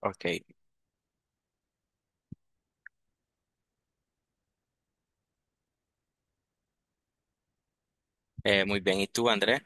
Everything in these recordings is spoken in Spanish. Ok. Muy bien. ¿Y tú, Andrés?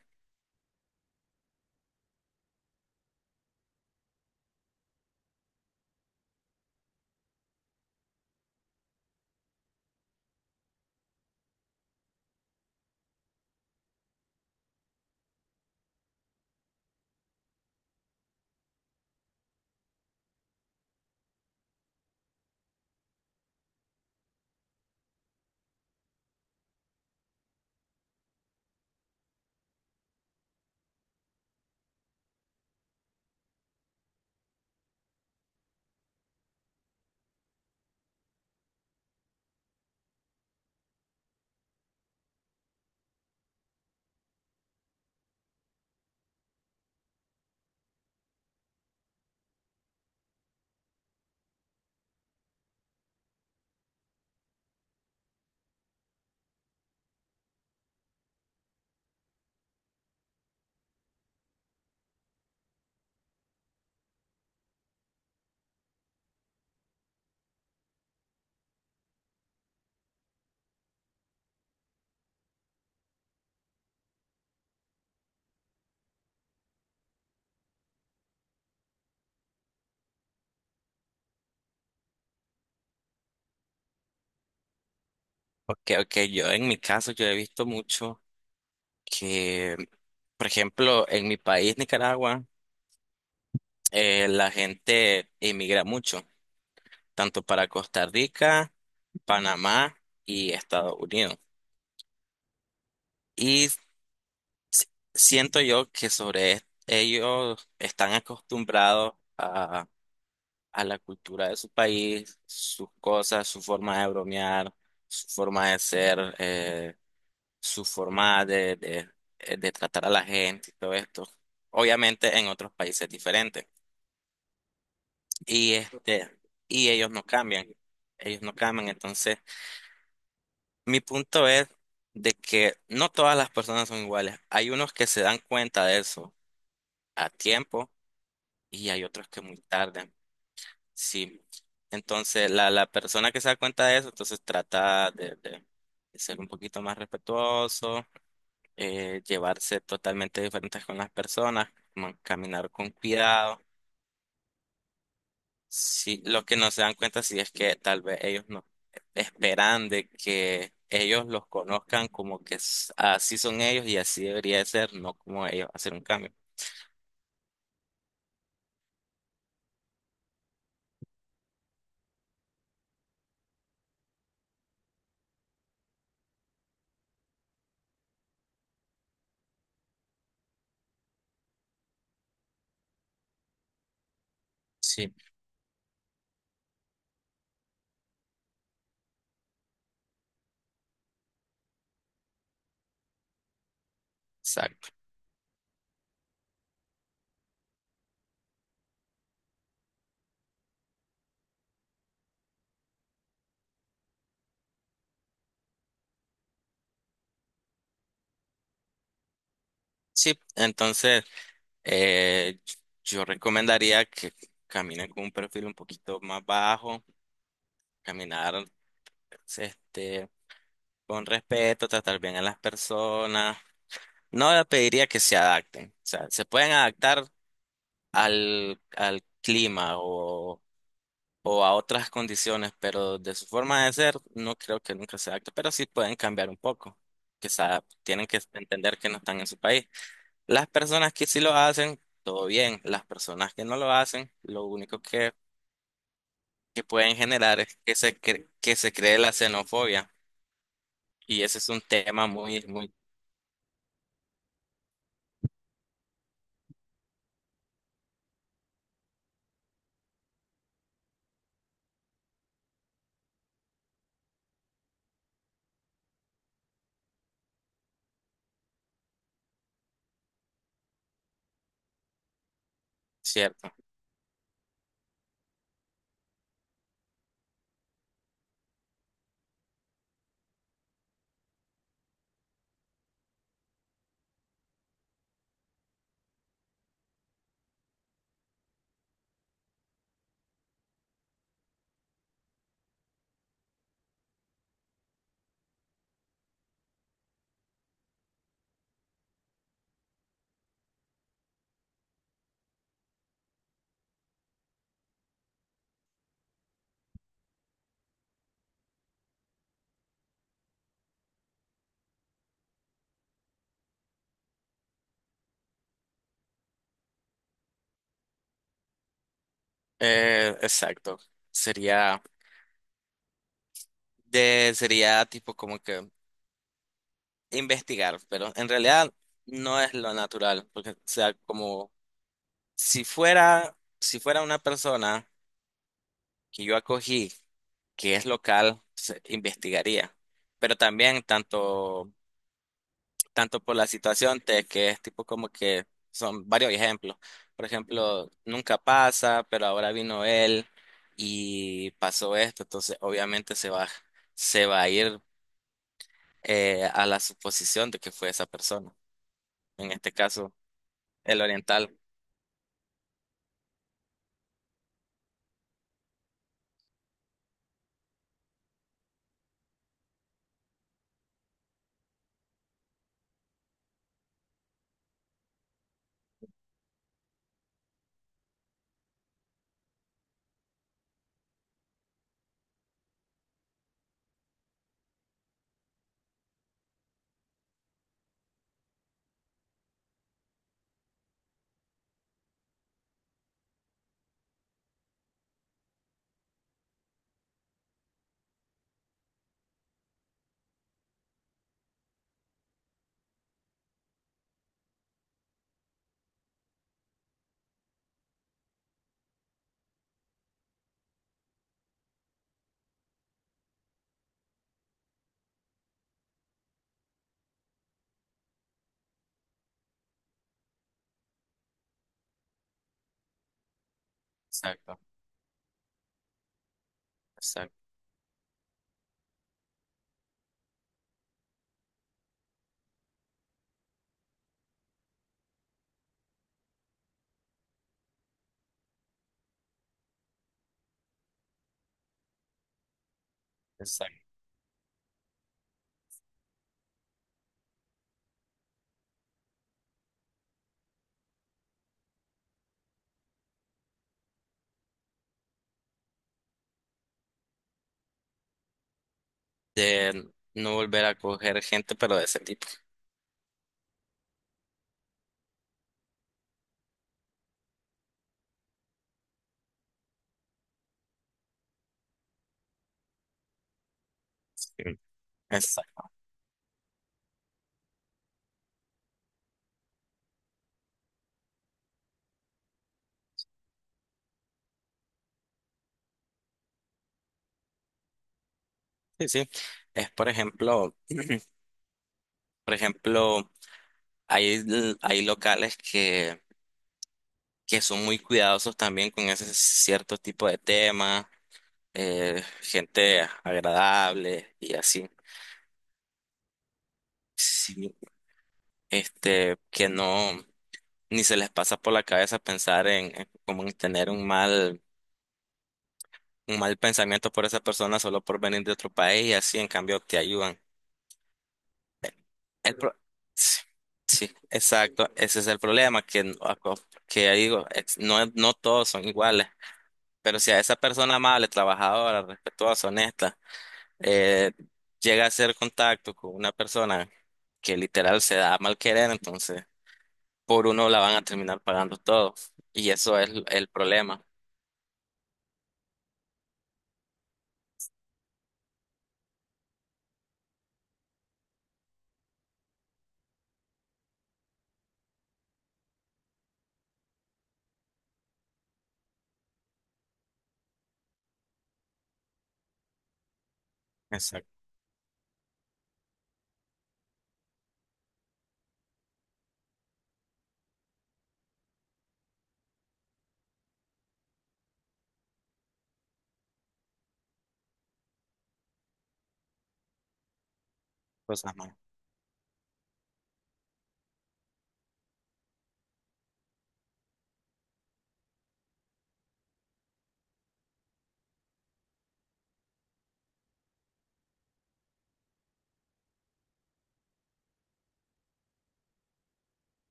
Ok, ok, yo en mi caso yo he visto mucho que, por ejemplo, en mi país, Nicaragua, la gente emigra mucho, tanto para Costa Rica, Panamá y Estados Unidos. Y s- Siento yo que ellos están acostumbrados a la cultura de su país, sus cosas, su forma de bromear, su forma de ser. Su forma de, de tratar a la gente y todo esto. Obviamente en otros países es diferente. Y este, y ellos no cambian. Ellos no cambian. Entonces, mi punto es de que no todas las personas son iguales. Hay unos que se dan cuenta de eso a tiempo y hay otros que muy tarde. Sí. Entonces, la persona que se da cuenta de eso, entonces trata de ser un poquito más respetuoso, llevarse totalmente diferentes con las personas, caminar con cuidado. Sí, lo que no se dan cuenta sí es que tal vez ellos no esperan de que ellos los conozcan como que así son ellos y así debería de ser, no como ellos hacer un cambio. Sí, exacto. Sí, entonces, eh, yo recomendaría que caminen con un perfil un poquito más bajo, caminar, este, con respeto, tratar bien a las personas. No le pediría que se adapten. O sea, se pueden adaptar al clima o a otras condiciones, pero de su forma de ser, no creo que nunca se adapte, pero sí pueden cambiar un poco. Tienen que entender que no están en su país. Las personas que sí lo hacen, todo bien. Las personas que no lo hacen, lo único que pueden generar es que se, que se cree la xenofobia. Y ese es un tema muy, muy cierto. Exacto. Sería. De, sería tipo como que investigar, pero en realidad no es lo natural, porque o sea como si fuera una persona que yo acogí, que es local, se investigaría. Pero también tanto, tanto por la situación de que es tipo como que son varios ejemplos. Por ejemplo, nunca pasa, pero ahora vino él y pasó esto, entonces obviamente se va a ir, a la suposición de que fue esa persona. En este caso, el oriental. Exacto, exacto, exacto. De no volver a coger gente, pero de ese tipo. Sí. Exacto. Sí, sí. Es por ejemplo, hay, hay locales que son muy cuidadosos también con ese cierto tipo de temas, gente agradable y así. Sí, este, que no, ni se les pasa por la cabeza pensar en como en tener un mal pensamiento por esa persona solo por venir de otro país y así en cambio te ayudan. El pro- sí, sí, exacto, ese es el problema que, que ya digo, no, no todos son iguales, pero si a esa persona amable, trabajadora, respetuosa, honesta, eh, llega a hacer contacto con una persona que literal se da a mal querer, entonces por uno la van a terminar pagando todo y eso es el problema. Exacto, cosas más.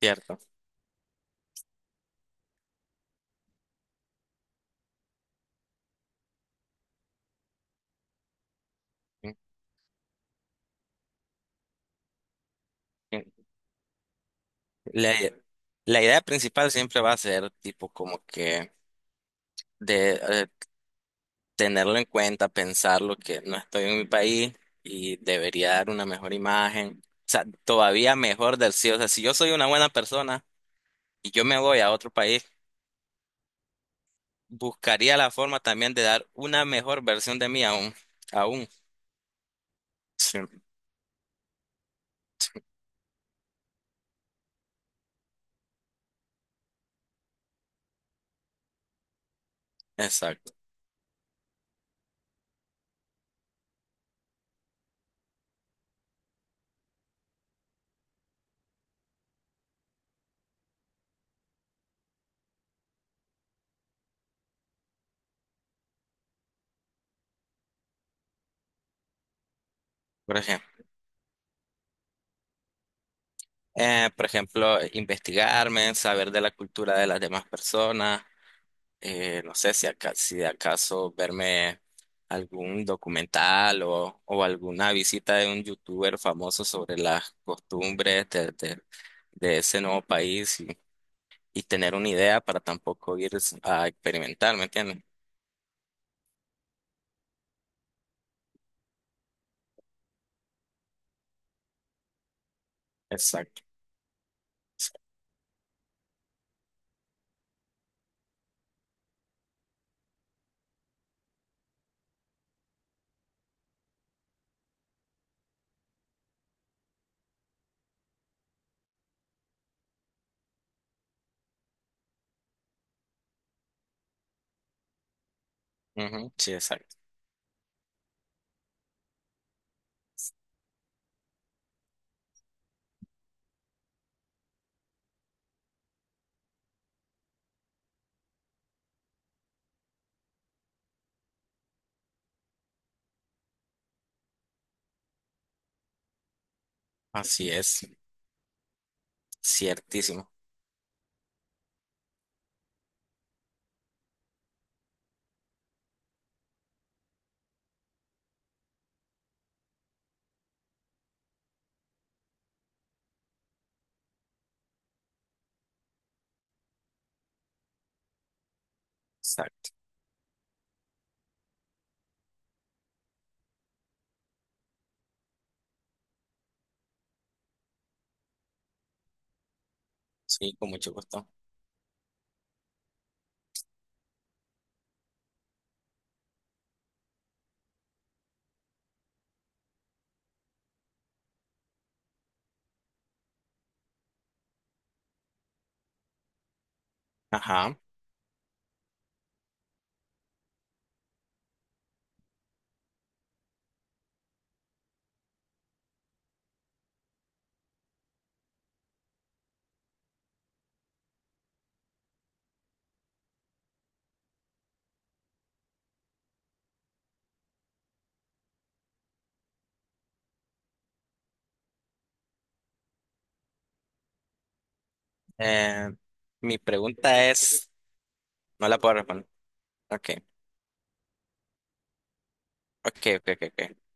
Cierto. Sí, sí. La, la idea principal siempre va a ser tipo como que de tenerlo en cuenta, pensar lo que no estoy en mi país y debería dar una mejor imagen. O sea, todavía mejor del sí. O sea, si yo soy una buena persona y yo me voy a otro país, buscaría la forma también de dar una mejor versión de mí aún. Aún. Sí, exacto. Por ejemplo, por ejemplo, investigarme, saber de la cultura de las demás personas, no sé si, si de acaso verme algún documental o alguna visita de un youtuber famoso sobre las costumbres de, de ese nuevo país y tener una idea para tampoco ir a experimentar, ¿me entiendes? Exacto. Ujú, sí, exacto. Así es, ciertísimo. Exacto. Sí, con mucho gusto. Ajá. Eh, Mi pregunta es, no la puedo responder. Ok, ok, ok, ok. Ok.